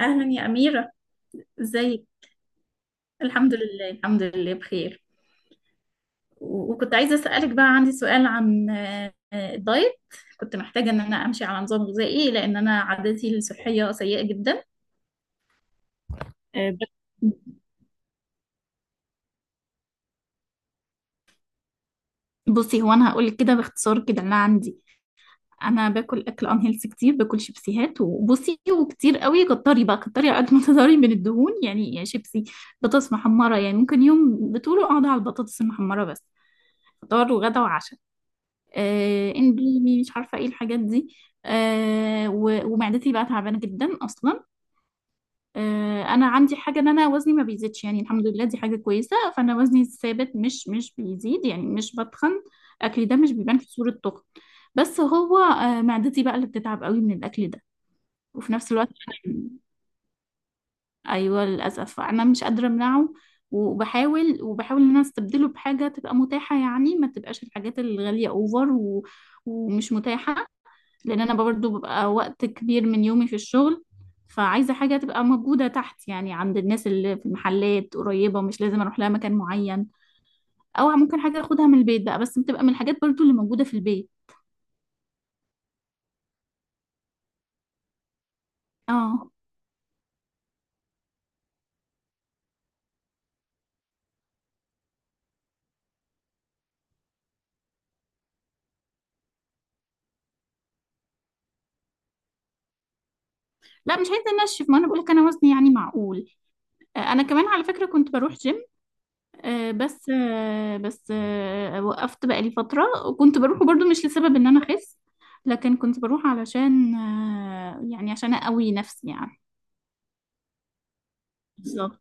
أهلا يا أميرة. ازيك؟ الحمد لله، الحمد لله بخير. وكنت عايزة أسألك، بقى عندي سؤال عن الدايت. كنت محتاجة إن أنا أمشي على نظام غذائي، لأن أنا عادتي الصحية سيئة جدا. بصي، هو أنا هقولك كده باختصار كده اللي عندي. أنا باكل أكل أنهيلث كتير، باكل شيبسيهات وبصي، وكتير قوي، كتري بقى، كتري على قد ما تقدري من الدهون، يعني يا شيبسي بطاطس محمرة. يعني ممكن يوم بطوله أقعد على البطاطس المحمرة بس، فطار وغدا وعشاء. اندومي، مش عارفه ايه الحاجات دي. ومعدتي بقى تعبانه جدا اصلا. انا عندي حاجه، ان انا وزني ما بيزيدش، يعني الحمد لله دي حاجه كويسه، فانا وزني ثابت، مش بيزيد، يعني مش بتخن. اكلي ده مش بيبان في صوره تخن. بس هو معدتي بقى اللي بتتعب قوي من الاكل ده. وفي نفس الوقت ايوه، للاسف انا مش قادره امنعه، وبحاول، وبحاول ان انا استبدله بحاجه تبقى متاحه، يعني ما تبقاش الحاجات الغاليه اوفر ومش متاحه، لان انا برضو ببقى وقت كبير من يومي في الشغل. فعايزه حاجه تبقى موجوده تحت، يعني عند الناس اللي في المحلات قريبه، مش لازم اروح لها مكان معين، او ممكن حاجه اخدها من البيت بقى، بس بتبقى من الحاجات برضو اللي موجوده في البيت. اه. لا مش عايزه انشف، ما انا بقولك انا وزني يعني معقول. انا كمان على فكره كنت بروح جيم، بس وقفت بقالي فتره، وكنت بروحه برضو مش لسبب ان انا اخس، لكن كنت بروح علشان يعني عشان اقوي نفسي يعني. بالظبط.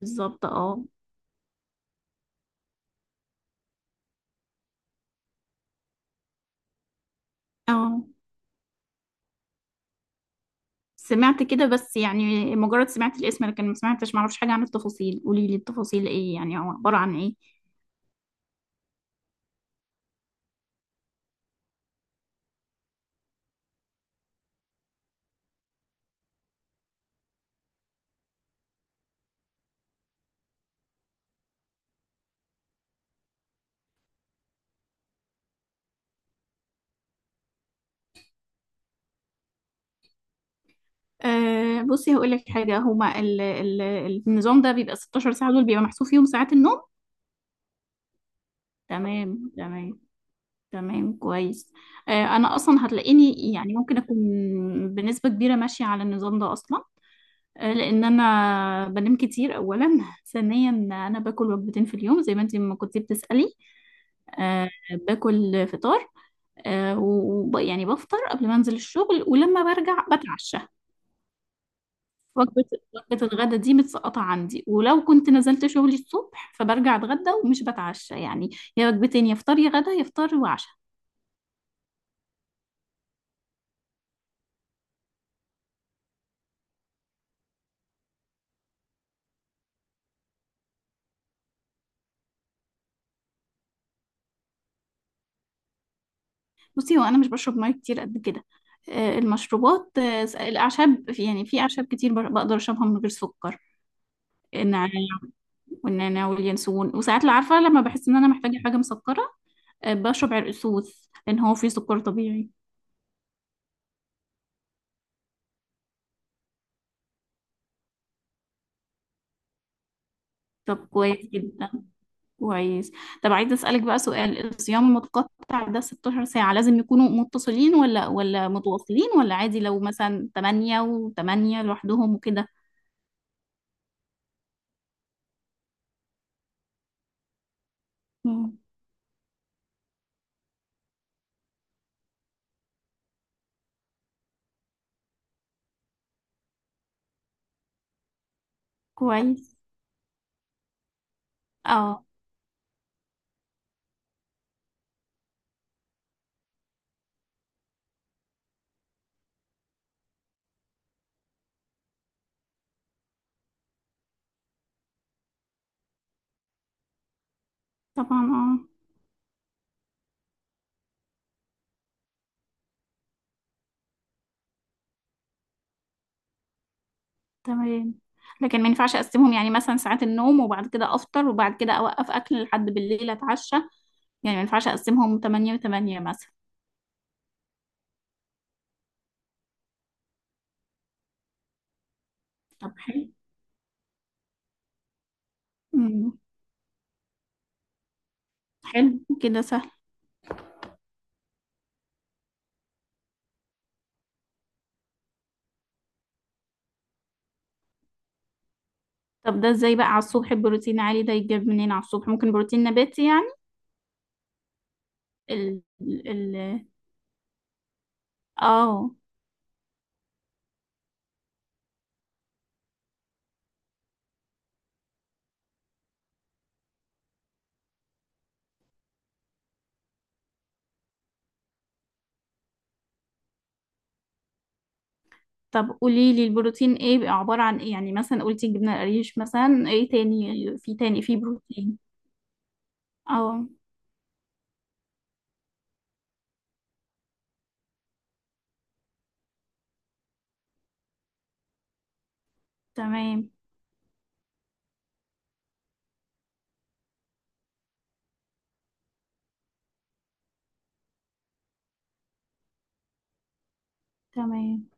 بالظبط اه. اه، سمعت كده، بس يعني مجرد سمعت الاسم، لكن ما سمعتش، ما اعرفش حاجه عن التفاصيل. قولي لي التفاصيل ايه يعني، او عباره عن ايه؟ أه، بصي، هقول لك حاجه، هما ال ال النظام ده بيبقى 16 ساعه، دول بيبقى محسوب فيهم ساعات النوم. تمام، تمام. تمام كويس. أه، انا اصلا هتلاقيني يعني ممكن اكون بنسبه كبيره ماشيه على النظام ده اصلا، لان انا بنام كتير اولا. ثانيا، انا باكل وجبتين في اليوم، زي ما انت ما كنتي بتسألي. باكل فطار، يعني بفطر قبل ما انزل الشغل، ولما برجع بتعشى. وجبة وجبة الغدا دي متسقطة عندي، ولو كنت نزلت شغلي الصبح فبرجع اتغدى ومش بتعشى يعني، يا وجبتين، يا فطار يا غدا، يا فطار وعشاء. بصي، هو انا مش بشرب ميه كتير قد كده. المشروبات، الاعشاب، يعني في اعشاب كتير بقدر اشربها من غير سكر، والنعناع واليانسون. وساعات لو عارفة، لما بحس ان انا محتاجة حاجة مسكرة، بشرب عرق سوس لان هو فيه سكر طبيعي. طب كويس جدا. كويس. طب عايزة اسألك بقى سؤال، الصيام المتقطع ده 16 ساعة لازم يكونوا متصلين، ولا متواصلين، ولا عادي لو مثلا 8 و8 لوحدهم وكده؟ مم. كويس. اه طبعا. اه. تمام. لكن ما ينفعش اقسمهم، يعني مثلا ساعات النوم، وبعد كده افطر، وبعد كده اوقف اكل لحد بالليل اتعشى. يعني ما ينفعش اقسمهم 8 و8 مثلا؟ طب حلو. امم. حلو كده سهل. طب ده ازاي بقى على الصبح، البروتين عالي ده يتجاب منين على الصبح؟ ممكن بروتين نباتي يعني؟ ال ال اه. طب قولي لي البروتين ايه بيبقى، عبارة عن ايه يعني؟ مثلا قلتي جبنة قريش، مثلا ايه تاني، في بروتين؟ اه. تمام، تمام،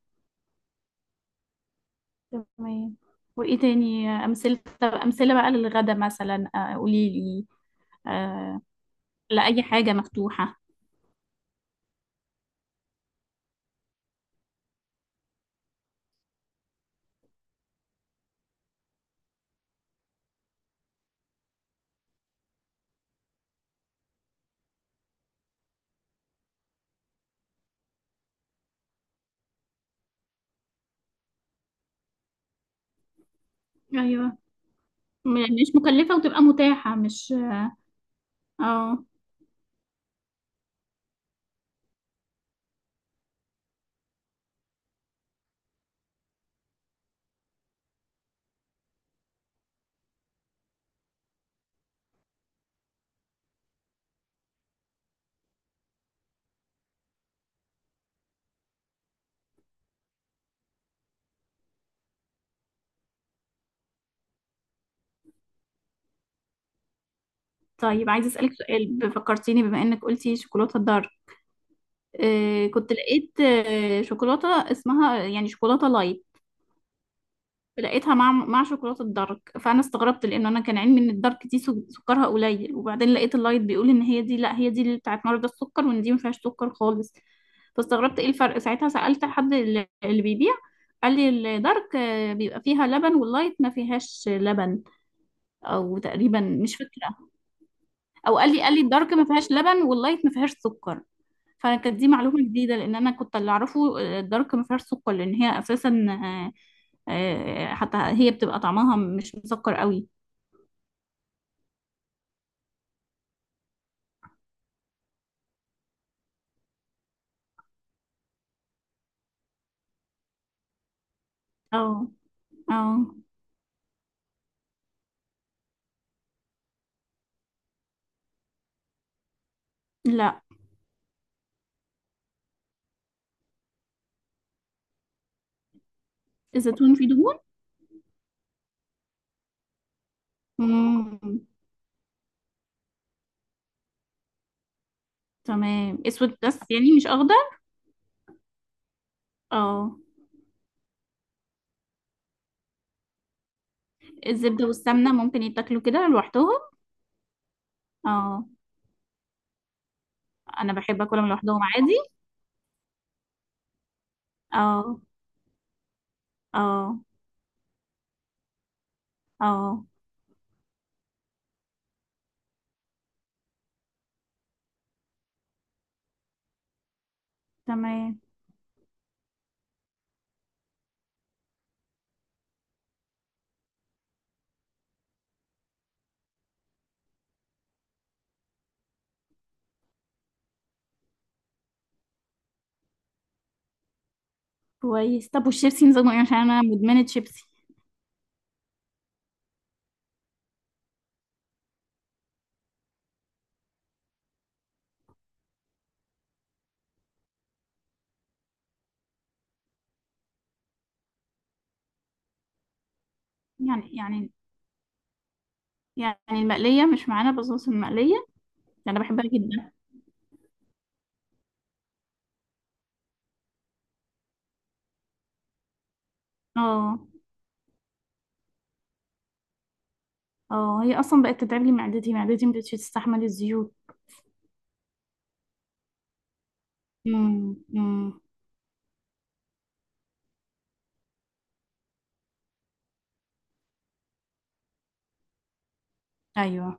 تمام. وايه تاني امثله؟ طب امثله بقى للغدا مثلا، قولي لي. آه، لاي حاجه مفتوحه. ايوه. يعني مش مكلفه وتبقى متاحه، مش... اه. طيب، عايزه اسالك سؤال، فكرتيني بما انك قلتي شوكولاته الدارك. كنت لقيت شوكولاته اسمها يعني شوكولاته لايت. لقيتها مع شوكولاته الدارك، فانا استغربت، لان انا كان علمي ان الدارك دي سكرها قليل، وبعدين لقيت اللايت بيقول ان هي دي، لا، هي دي اللي بتاعت مرضى السكر، وان دي ما فيهاش سكر خالص. فاستغربت ايه الفرق ساعتها، سالت حد اللي بيبيع، قال لي الدارك بيبقى فيها لبن، واللايت ما فيهاش لبن. او تقريبا مش فاكره، او قال لي، الدارك ما فيهاش لبن، واللايت ما فيهاش سكر. فكانت دي معلومه جديده، لان انا كنت اللي اعرفه الدارك ما فيهاش سكر، لان هي اساسا حتى هي بتبقى طعمها مش مسكر قوي. اه. اه. لا. الزيتون فيه دهون؟ مم. تمام. اسود بس يعني مش اخضر؟ اه. الزبدة والسمنة ممكن يتاكلوا كده لوحدهم؟ اه، انا بحب اكلهم لوحدهم عادي. اه. اه. اه تمام. كويس. طب والشيبسي نظامه ايه؟ عشان انا مدمنة شيبسي. يعني يعني يعني المقلية مش معانا بصوص؟ المقلية انا بحبها جدا. اه. اه، هي اصلا بقت تتعب لي معدتي، مبقتش تستحمل الزيوت. امم، امم. ايوه.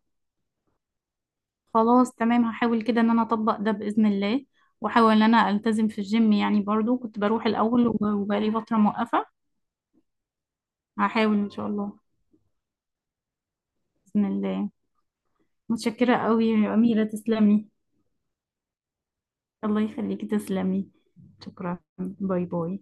خلاص، تمام، هحاول كده ان انا اطبق ده باذن الله، واحاول ان انا التزم في الجيم يعني، برضو كنت بروح الاول وبقالي فتره موقفه. هحاول ان شاء الله. باذن الله. متشكره قوي يا اميره، تسلمي. الله يخليكي، تسلمي. شكرا، باي باي.